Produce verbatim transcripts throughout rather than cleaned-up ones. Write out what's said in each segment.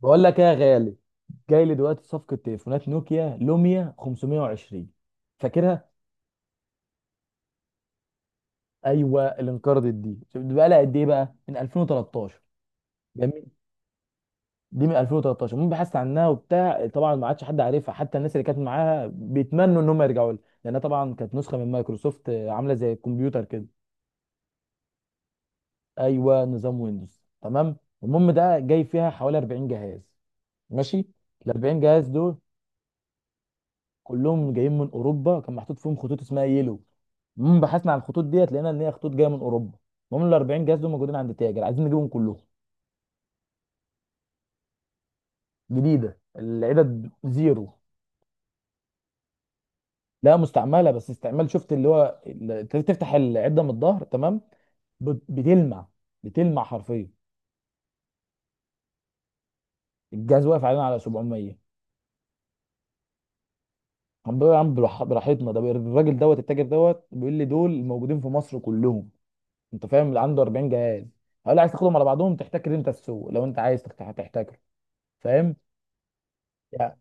بقول لك ايه يا غالي. جاي لي دلوقتي صفقه تليفونات نوكيا لوميا خمسمائة وعشرين. فاكرها؟ ايوه، اللي انقرضت دي. شوف دي بقى لها قد ايه، بقى من الفين وتلتاشر. جميل. دي من الفين وتلتاشر. المهم بحثت عنها وبتاع، طبعا ما عادش حد عارفها، حتى الناس اللي كانت معاها بيتمنوا ان هم يرجعوا لها، لانها طبعا كانت نسخه من مايكروسوفت، آه، عامله زي الكمبيوتر كده. ايوه نظام ويندوز تمام. المهم ده جاي فيها حوالي اربعين جهاز. ماشي. ال اربعين جهاز دول كلهم جايين من اوروبا، كان محطوط فيهم خطوط اسمها يلو. المهم بحثنا عن الخطوط ديت، لقينا ان هي خطوط جايه من اوروبا. المهم ال اربعين جهاز دول موجودين عند تاجر، عايزين نجيبهم كلهم. جديده، العدد زيرو. لا مستعمله بس استعمال، شفت اللي هو ال- تفتح العده من الظهر تمام. بت- بتلمع. بتلمع حرفيا. الجهاز واقف علينا على سبعميه. عم بيقول يا عم براح- براحتنا. ده بي- الراجل دوت التاجر دوت بيقول لي دول موجودين في مصر كلهم. انت فاهم، اللي عنده اربعين جهاز. هقول له عايز تاخدهم على بعضهم، تحتكر انت السوق لو انت عايز تحتكر. فاهم. يعني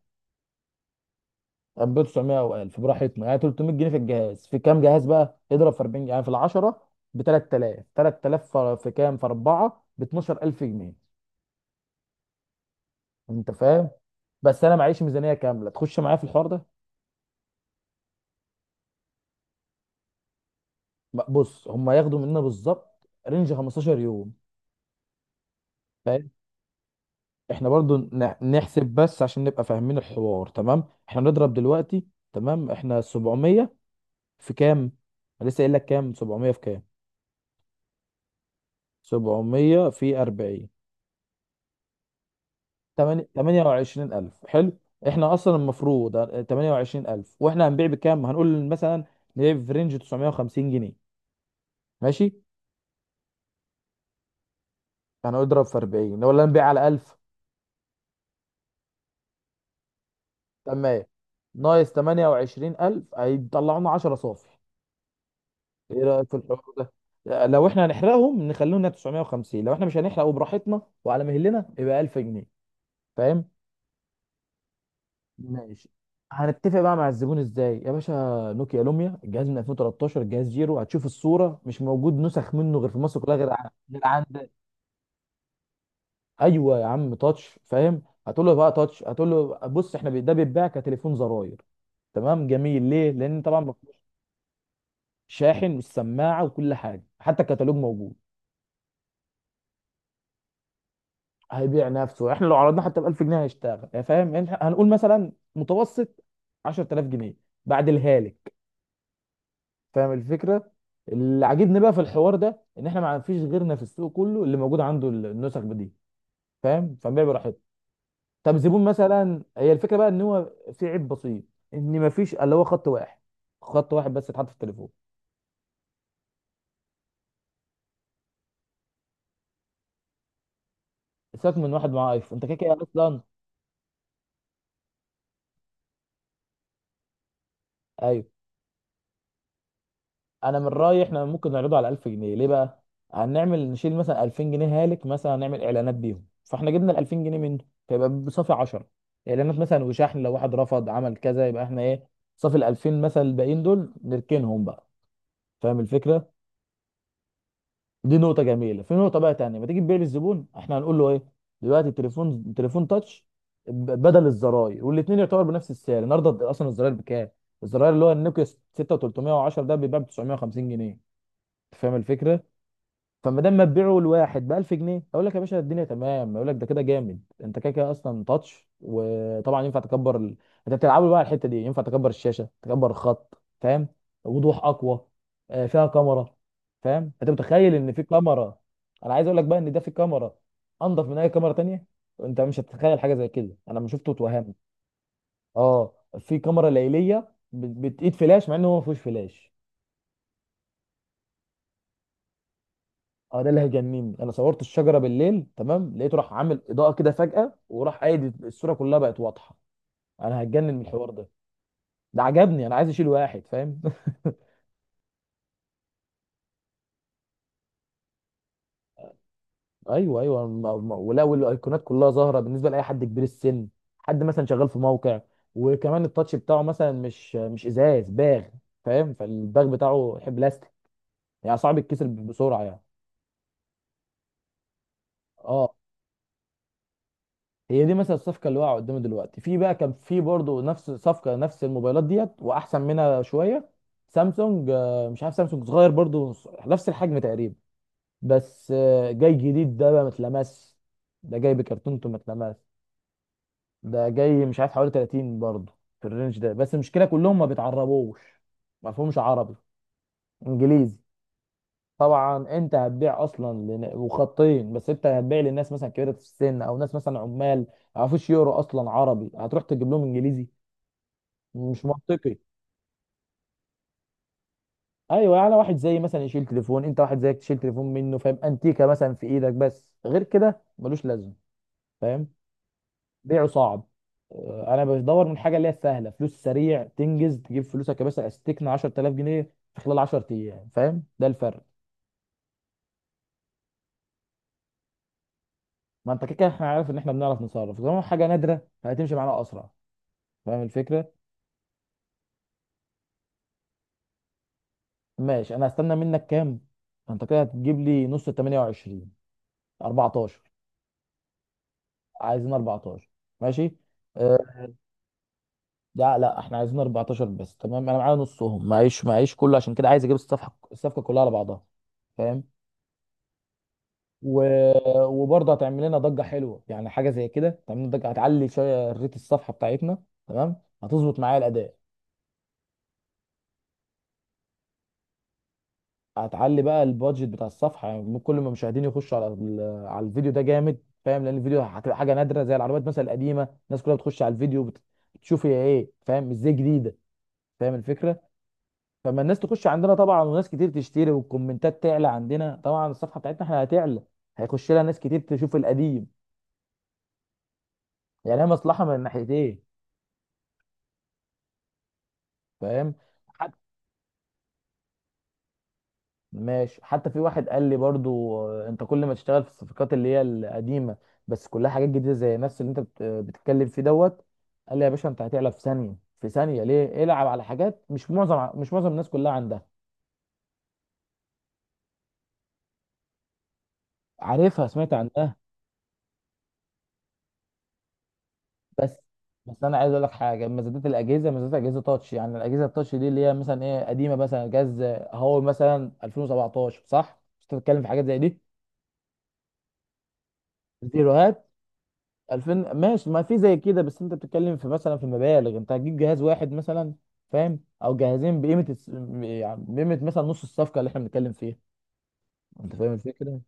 ألف وتسعمائة او الف براحتنا، يعني تلتميه جنيه في الجهاز، في كام جهاز، بقى اضرب في اربعين، يعني في ال عشره ب ثلاثة آلاف. تلت الاف في في كام، في اربعه ب اتناشر الف جنيه. انت فاهم. بس انا معيش ميزانيه كامله تخش معايا في الحوار ده. ما- بص هم ياخدوا مننا بالظبط رينج خمسة عشر يوم. فاهم. احنا برضو نح- نحسب بس عشان نبقى فاهمين الحوار تمام. احنا نضرب دلوقتي. تمام. احنا سبعمائة في كام. أنا لسه قايل لك كام، سبعمائة في كام. سبعميه في اربعين. تمانية- تمانيه وعشرين الف حلو. احنا اصلا المفروض تمانيه وعشرين الف. واحنا هنبيع بكام، هنقول مثلا نبيع في رينج تسعمائة وخمسين جنيه. ماشي. انا اضرب في اربعين ولا نبيع على الف. تمام. ناقص تمانيه وعشرين الف هيطلعوا لنا عشره صافي. ايه رايك في الحوار ده؟ لو احنا هنحرقهم نخليهم تسعمائة وخمسين، لو احنا مش هنحرق وبراحتنا وعلى مهلنا يبقى الف جنيه. فاهم. ماشي. هنتفق بقى مع الزبون ازاي يا باشا. نوكيا لوميا، الجهاز من الفين وتلتاشر، الجهاز زيرو، هتشوف الصوره، مش موجود نسخ منه غير في مصر كلها، غير ع- غير عند. ايوه يا عم تاتش فاهم. هتقول له بقى تاتش، هتقول له بص احنا بي- ده بيتباع كتليفون زراير. تمام جميل. ليه؟ لان طبعا ما فيهوش شاحن والسماعه وكل حاجه، حتى الكتالوج موجود. هيبيع نفسه. احنا لو عرضناه حتى ب الف جنيه هيشتغل، يا فاهم، يعني إحنا هنقول مثلا متوسط عشر الاف جنيه بعد الهالك. فاهم الفكره. اللي عاجبني بقى في الحوار ده ان احنا ما فيش غيرنا في السوق كله اللي موجود عنده ال- النسخ دي. فاهم. فبيع براحته. طب زبون مثلا، هي الفكره بقى ان هو في عيب بسيط، ان ما فيش اللي هو خط واحد، خط واحد بس اتحط في التليفون. سيبك من واحد معاه ايفون، انت كده كده اصلا. ايوه، انا من رايي احنا ممكن نعرضه على الف جنيه. ليه بقى؟ هنعمل نشيل مثلا الفين جنيه هالك، مثلا هنعمل اعلانات بيهم، فاحنا جبنا ال الفين جنيه منه، فيبقى بصافي عشره. اعلانات مثلا وشحن، لو واحد رفض عمل كذا، يبقى احنا ايه، صافي ال الفين مثلا، الباقيين دول نركنهم بقى. فاهم الفكره. دي نقطه جميله. في نقطه بقى تانية، ما تيجي تبيع للزبون احنا هنقول له ايه. دلوقتي التليفون تليفون تاتش ب- بدل الزراير، والاثنين يعتبر بنفس السعر. النهارده اصلا الزراير بكام؟ الزراير اللي هو النوكيا سته الاف وتلتميه وعشره ده بيتباع ب تسعمائة وخمسين جنيه. أنت فاهم الفكره. فما دام ما تبيعه لواحد ب الف جنيه اقول لك يا باشا الدنيا تمام، اقول لك ده كده جامد. انت كده كده اصلا تاتش، وطبعا ينفع تكبر ال... انت بتلعبوا بقى على الحته دي، ينفع تكبر الشاشه، تكبر الخط. فاهم. وضوح اقوى. آه، فيها كاميرا. فاهم، انت متخيل ان في كاميرا. انا عايز اقول لك بقى ان ده في كاميرا انضف من اي كاميرا تانية. انت مش هتتخيل حاجه زي كده، انا لما شفته اتوهمت. اه في كاميرا ليليه بت- بتقيد فلاش مع انه هو ما فيهوش فلاش. اه ده اللي هيجنني. انا صورت الشجره بالليل تمام، لقيته راح عامل اضاءه كده فجاه، وراح قايد الصوره كلها بقت واضحه. انا هتجنن من الحوار ده. ده عجبني، انا عايز اشيل واحد. فاهم. ايوه ايوه. ما- ما- ولا والايقونات كلها ظاهره بالنسبه لاي حد كبير السن، حد مثلا شغال في موقع. وكمان التاتش بتاعه مثلا مش مش ازاز باغ. فاهم، فالباغ بتاعه يحب بلاستيك، يعني صعب يتكسر بسرعه يعني. اه هي دي مثلا الصفقه اللي واقعه قدامي دلوقتي. في بقى كان في برضه نفس صفقه، نفس الموبايلات ديت واحسن منها شويه. سامسونج، آه، مش عارف، سامسونج صغير برضه، ص- نفس الحجم تقريبا. بس آه، جاي جديد ده بقى ما اتلمس، ده جاي بكرتونته ما اتلمس. ده جاي مش عارف حوالي تلاتين برضه في الرينج ده. بس المشكله كلهم ما بيتعربوش، ما فيهمش عربي، انجليزي. طبعا انت هتبيع اصلا لن- وخطين بس، انت هتبيع للناس مثلا كبيره في السن، او ناس مثلا عمال ما يعرفوش يقروا اصلا عربي، هتروح تجيب لهم انجليزي، مش منطقي. ايوه. يعني واحد زي مثلا يشيل تليفون، انت واحد زيك تشيل تليفون منه، فاهم، انتيكه مثلا في ايدك، بس غير كده ملوش لازمه. فاهم. بيعه صعب. اه، انا بدور من حاجه اللي هي سهله، فلوس سريع تنجز، تجيب فلوسك يا باشا، استكنى عشر الاف جنيه في خلال عشر ايام. فاهم ده الفرق. ما انت كده كده احنا عارف ان احنا بنعرف نصرف، طالما حاجه نادره فهتمشي معانا اسرع. فاهم الفكره. ماشي. انا هستنى منك كام. انت كده هتجيب لي نص ال تمانيه وعشرين، اربعة عشر. عايزين اربعتاشر. ماشي. أه. لا لا احنا عايزين اربعتاشر بس. تمام، انا معايا نصهم، معيش معيش كله، عشان كده عايز اجيب الصفحه الصفقه كلها على بعضها. فاهم. و... وبرضه هتعمل لنا ضجه حلوه، يعني حاجه زي كده تعمل لنا ضجه، هتعلي شويه ريت الصفحه بتاعتنا تمام. هتظبط معايا الاداء. هتعلي بقى البادجت بتاع الصفحه، يعني مو- كل ما المشاهدين يخشوا على ال- على الفيديو ده جامد. فاهم، لان الفيديو هتبقى حاجه نادره زي العربيات مثلا القديمه. الناس كلها بتخش على الفيديو، بت- بتشوف هي ايه، فاهم ازاي جديده. فاهم الفكره. فما الناس تخش عندنا طبعا وناس كتير تشتري، والكومنتات تعلى عندنا طبعا، الصفحه بتاعتنا احنا هتعلى، هيخش لها ناس كتير تشوف القديم. يعني هي مصلحه من الناحيتين. فاهم. ماشي. حتى في واحد قال لي برضو آه، انت كل ما تشتغل في الصفقات اللي هي القديمه، بس كلها حاجات جديده زي نفس اللي انت بت- بتتكلم فيه دوت. قال لي يا باشا انت هتعلى في ثانيه في ثانيه، ليه العب على حاجات، مش معظم مش معظم الناس كلها عندها. عارفها، سمعت عنها. بس بس انا عايز اقول لك حاجه، مزادات الاجهزه، مزادات اجهزه تاتش، يعني الاجهزه التاتش دي اللي هي مثلا ايه قديمه، مثلا جهاز هواوي مثلا الفين وسبعتاشر، صح؟ مش أنت بتتكلم في حاجات زي دي. زيروهات الفين. ماشي، ما في زي كده. بس انت بتتكلم في مثلا في مبالغ، انت هتجيب جهاز واحد مثلا، فاهم، او جهازين بقيمه الس... يعني بقيمه مثلا نص الصفقه اللي احنا بنتكلم فيها. انت فاهم الفكره.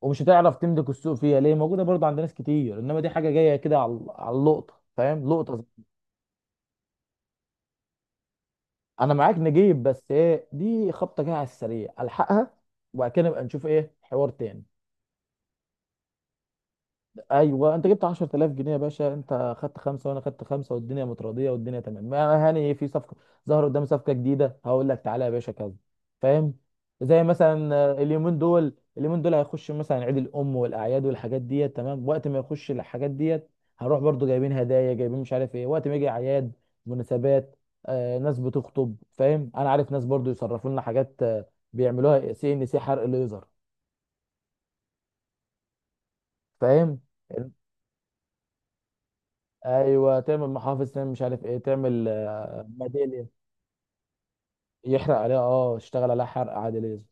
ومش هتعرف تملك السوق فيها، ليه؟ موجوده برضه عند ناس كتير. انما دي حاجه جايه كده على على اللقطه. فاهم، لقطه. انا معاك، نجيب بس ايه دي خبطه جايه على السريع الحقها، وبعد كده نبقى نشوف ايه حوار تاني. ايوه. انت جبت عشر الاف جنيه يا باشا، انت خدت خمسه وانا خدت خمسه والدنيا متراضيه والدنيا تمام. ما هاني في صفقه ظهر قدامي، صفقه جديده، هقول لك تعالى يا باشا كذا. فاهم. زي مثلا، آه، اليومين دول، اليومين دول هيخش مثلا عيد الام والاعياد والحاجات ديت تمام. وقت ما يخش الحاجات ديت هنروح برضو جايبين هدايا، جايبين مش عارف ايه، وقت ما يجي اعياد، مناسبات. آه ناس بتخطب، فاهم، انا عارف ناس برضو يصرفوا لنا حاجات، آه، بيعملوها سي ان سي، حرق ليزر. فاهم. ايوه تعمل محافظ، تعمل مش عارف ايه، تعمل آه، ميداليه، يحرق عليها، اه يشتغل عليها حرق عادي ليزر.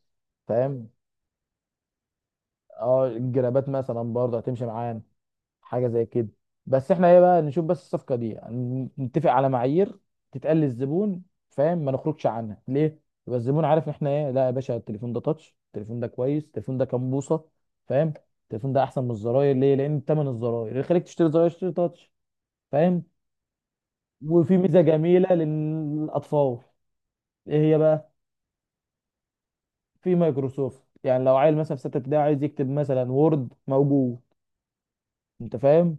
فاهم. اه الجرابات مثلا برضه هتمشي معانا، حاجه زي كده. بس احنا ايه بقى نشوف بس الصفقه دي، يعني نتفق على معايير تتقال للزبون. فاهم، ما نخرجش عنها ليه، يبقى الزبون عارف احنا ايه. لا يا باشا التليفون ده تاتش، التليفون ده كويس، التليفون ده كام بوصه. فاهم. التليفون ده احسن من الزراير، ليه؟ لان ثمن الزراير اللي يخليك تشتري زراير تشتري تاتش. فاهم. وفي ميزه جميله للاطفال. ايه هي بقى؟ في مايكروسوفت، يعني لو عيل مثلا في سته ابتدائي عايز يكتب مثلا وورد موجود. انت فاهم.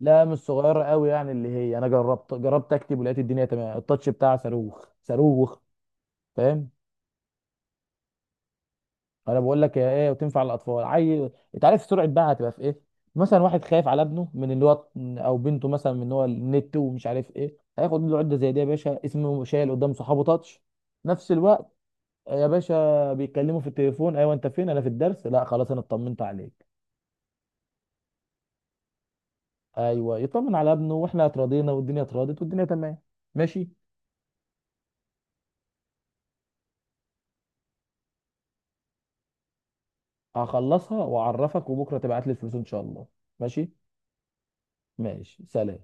لا مش صغيره قوي، يعني اللي هي انا جربت، جربت اكتب ولقيت الدنيا تمام. التاتش بتاعها صاروخ صاروخ. فاهم. انا بقول لك يا ايه وتنفع للاطفال عيل. انت عارف سرعه بقى هتبقى في ايه، مثلا واحد خايف على ابنه من اللي هو، او بنته مثلا من اللي هو النت ومش عارف ايه، هياخد له عده زي دي يا باشا، اسمه شايل قدام صحابه تاتش نفس الوقت. يا باشا بيتكلموا في التليفون، ايوه انت فين، انا في الدرس، لا خلاص انا اطمنت عليك. ايوه. يطمن على ابنه واحنا اتراضينا والدنيا اتراضت والدنيا تمام. ماشي. هخلصها واعرفك، وبكره تبعت لي الفلوس ان شاء الله. ماشي. ماشي سلام.